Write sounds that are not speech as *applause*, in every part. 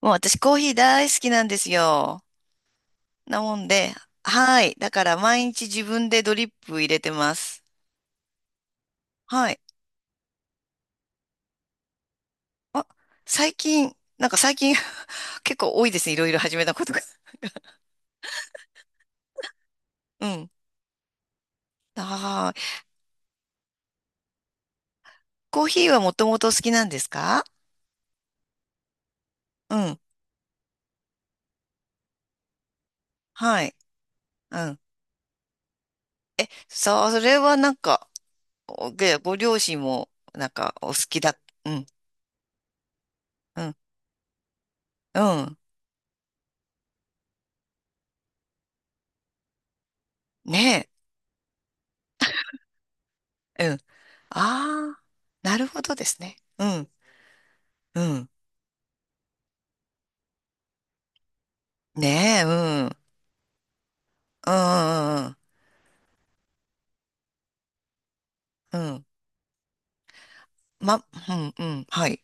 もう私コーヒー大好きなんですよ。なもんで、はい。だから毎日自分でドリップ入れてます。はい。あ、最近、最近 *laughs* 結構多いですね。いろいろ始めたことが。*laughs* うん。あー、コーヒーはもともと好きなんですか？うん。はい。うん。さあ、それはなんか、おでご両親もなんかお好きだ。うん。うん。うん。ねえ。うん。ああ、なるほどですね。うん。うん。ねえ、うん。うん、うん、うん。うん、ま、うん、うん、はい。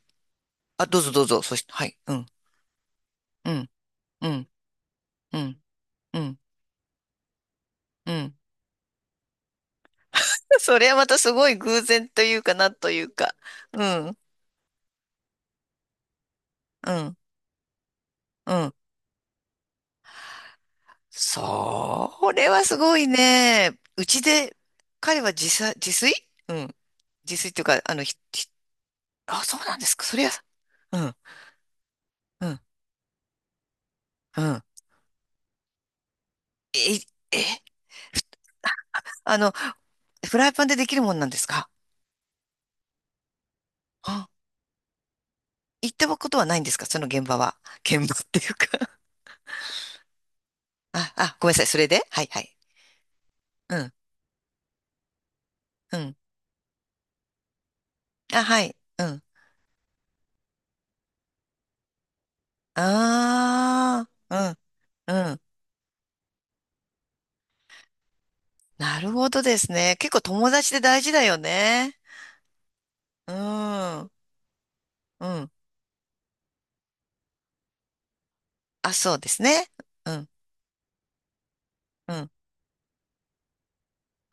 あ、どうぞどうぞ。そして、はい。うん、うん、うん、うん、うん、うん。*laughs* それはまたすごい偶然というか、なんというか。うん、うん、うん。それはすごいね。うちで、彼は自さ、自炊？うん。自炊っていうか、あの、ひ、ひあ、そうなんですか。それは、うん、うん、うん。え、え、あの、フライパンでできるもんなんですか？う、行ったことはないんですかその現場は。現場っていうか、あ、あ、ごめんなさい。それではい、はい。うん、うん。あ、はい。うん。ああ、うん、うん。なるほどですね。結構友達で大事だよね。うん、うん。あ、そうですね。うん、うん、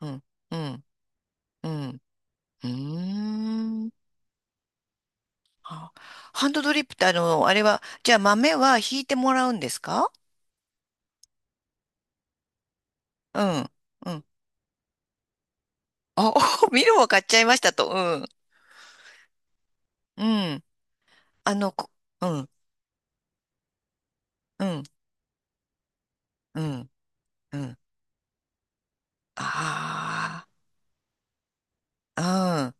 うん、うん、うん。うーん。あ、ハンドドリップってあの、あれは、じゃあ豆はひいてもらうんですか？うん、うん。あ、*laughs* おミルも買っちゃいましたと。うん、うん。あの、こ、うん、うん、うん、うん。ああ。うん。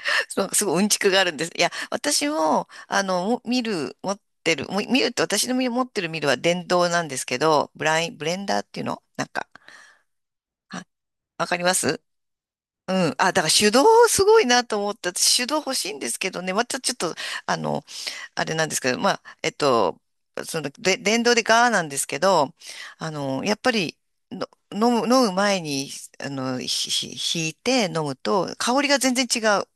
*laughs* そうすごいうんちくがあるんです。いや、私も、あの、も見る、持ってる、も見るって私の見持ってる見るは電動なんですけど、ブライン、ブレンダーっていうのなんか、あ、わかります。うん。あ、だから手動すごいなと思った。私手動欲しいんですけどね。またちょっと、あの、あれなんですけど、まあ、その、で、電動でガーなんですけど、あの、やっぱり、の飲む、飲む前に、あの、ひ、ひ、ひいて飲むと、香りが全然違う。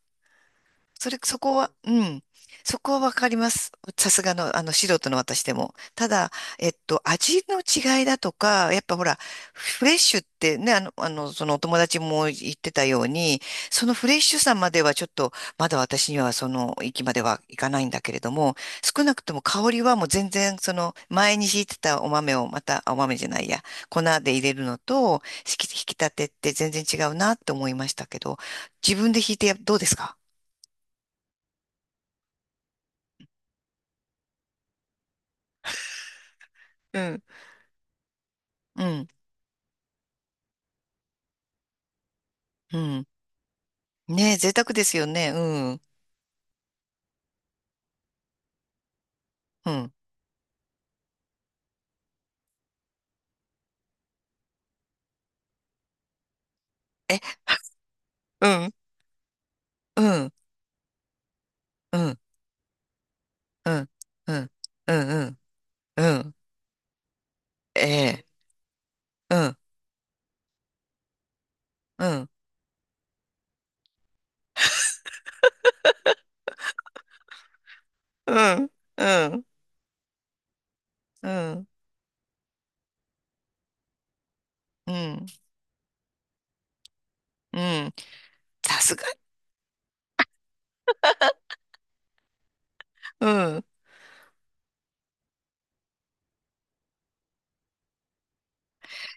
それ、そこは、うん。そこはわかります。さすがの、あの、素人の私でも。ただ、味の違いだとか、やっぱほら、フレッシュってね、あの、あの、そのお友達も言ってたように、そのフレッシュさまではちょっと、まだ私にはその域まではいかないんだけれども、少なくとも香りはもう全然、その、前に敷いてたお豆をまた、あ、お豆じゃないや、粉で入れるのと、引き、引き立てって全然違うなって思いましたけど、自分で引いてやどうですか？うん、うん、うん。ねえ、贅沢ですよね。うん、うん。え、うん、うん、うん、うん、うん、うん、うん、うん、ええ、うん、うん、うん、うん、うん、うん、うん。さすが、うん。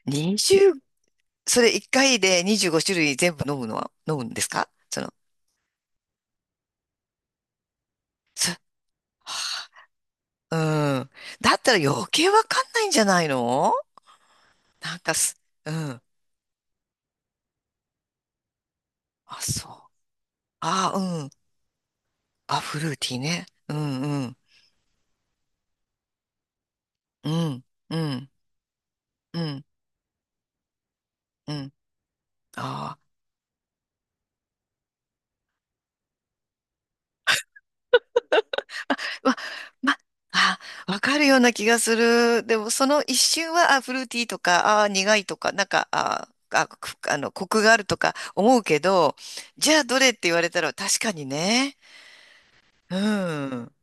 20、それ1回で25種類全部飲むのは、飲むんですかその、そ、はあ、うん。だったら余計わかんないんじゃないの？なんかす、うん。あ、そう。あ、うん。あ、フルーティーね。うん、うん。うん、うん、うん、うん。ああ、うわ、ま、あ、わかるような気がする。でも、その一瞬は、あ、フルーティーとか、あ、苦いとか、なんか、ああ、あ、く、あの、コクがあるとか思うけど、じゃあ、どれって言われたら、確かにね。うん。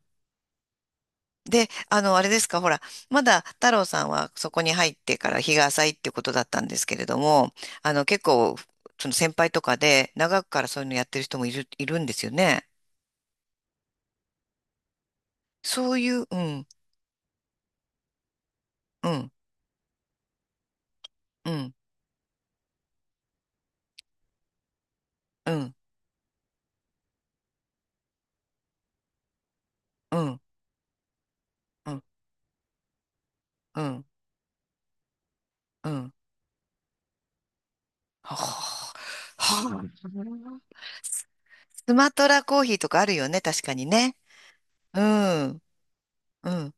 で、あの、あれですか、ほら、まだ太郎さんはそこに入ってから日が浅いってことだったんですけれども、あの、結構、その先輩とかで、長くからそういうのやってる人もいる、いるんですよね。そういう、うん。うん、うん、うん、うん、うん、うん、うん。はあ、はあ、スマトラコーヒーとかあるよね、確かにね。うん、うん、うん、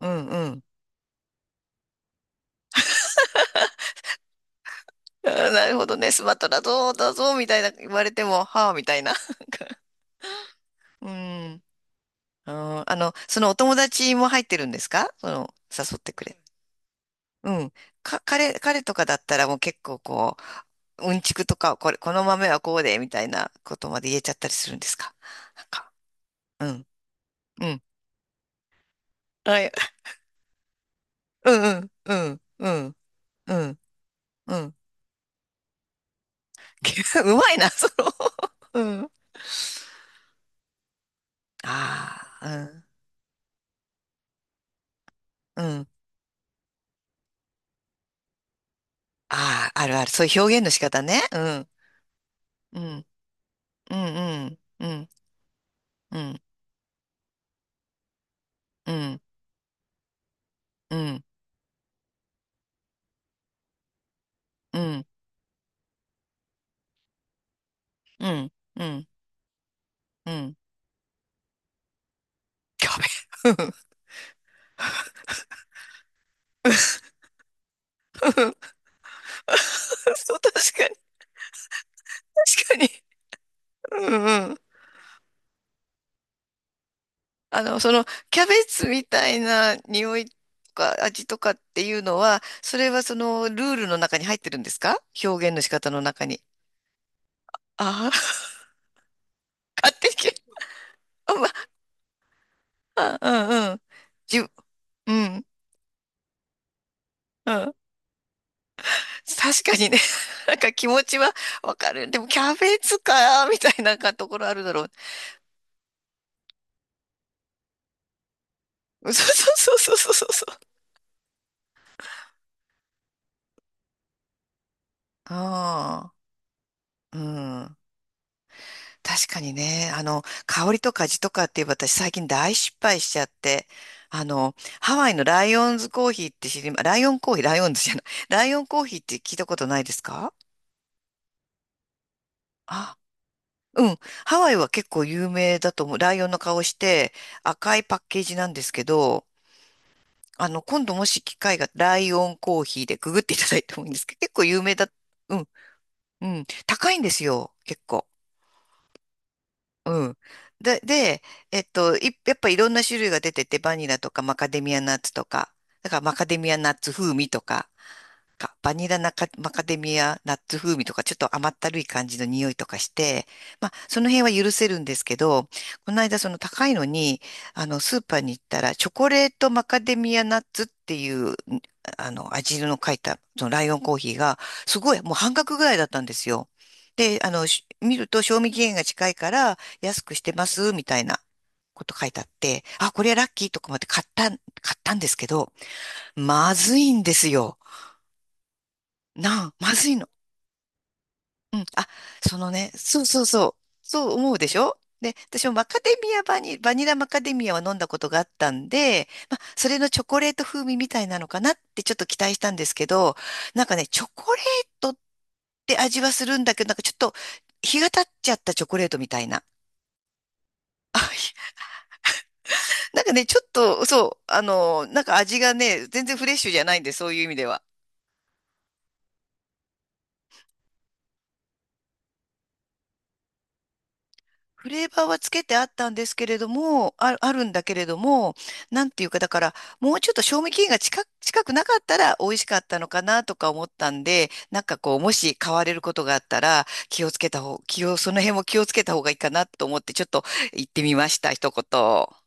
うん。あー、なるほどね、スマトラどうだぞ、みたいな言われても、はあ、みたいな。*laughs* うん。あー、あの、そのお友達も入ってるんですかその、誘ってくれ。うん。か、彼、彼とかだったらもう結構こう、うんちくとか、これ、この豆はこうで、みたいなことまで言えちゃったりするんですか？なんか、うん、うん。はい、うん、うん、うん、うん、うん。*laughs* うまいな、その。うん。ああ、うん、うん。ああ、あるある。そういう表現の仕方ね。うん。うん、うん、うん、うん、うん、うん、うん、うん、うん、うん、うん。やべ。うん、うん。 *laughs* そう、確かに、確かに。うん、うん。あの、その、キャベツみたいな匂いとか味とかっていうのは、それはそのルールの中に入ってるんですか、表現の仕方の中に。ああ、*laughs* 勝手に決め、まあ、うん、うん。じゅ、うん、うん。確かにね、*laughs* なんか気持ちはわかる。でもキャベツか、みたいなところあるだろう。*laughs* そうそうそうそうそうそう。ああ、うん。確かにね、あの、香りとか味とかって私最近大失敗しちゃって、あの、ハワイのライオンズコーヒーって知りま、ライオンコーヒー、ライオンズじゃない、ライオンコーヒーって聞いたことないですか？あ、うん。ハワイは結構有名だと思う。ライオンの顔して赤いパッケージなんですけど、あの、今度もし機会がライオンコーヒーでググっていただいてもいいんですけど、結構有名だ。うん。うん。高いんですよ。結構。うん。で、で、い、やっぱいろんな種類が出てて、バニラとかマカデミアナッツとか、だからマカデミアナッツ風味とか、かバニラナカマカデミアナッツ風味とかちょっと甘ったるい感じの匂いとかして、まあその辺は許せるんですけど、この間その高いのに、あのスーパーに行ったらチョコレートマカデミアナッツっていう、あの味の書いたそのライオンコーヒーがすごいもう半額ぐらいだったんですよ。で、あの、し見ると賞味期限が近いから安くしてますみたいなこと書いてあって、あ、これはラッキーとか思って買ったんですけど、まずいんですよ。なあ、まずいの。うん。あ、そのね、そうそうそう。そう思うでしょ。で、私もマカデミアバニ、バニラマカデミアは飲んだことがあったんで、まあ、それのチョコレート風味みたいなのかなってちょっと期待したんですけど、なんかね、チョコレートって味はするんだけど、なんかちょっと日が経っちゃったチョコレートみたいな。あ、なんかね、ちょっと、そう、あの、なんか味がね、全然フレッシュじゃないんで、そういう意味では。フレーバーはつけてあったんですけれども、あ、あるんだけれども、なんていうか、だから、もうちょっと賞味期限が近く、近くなかったら美味しかったのかなとか思ったんで、なんかこう、もし買われることがあったら、気をつけた方、気を、その辺も気をつけた方がいいかなと思って、ちょっと言ってみました、一言。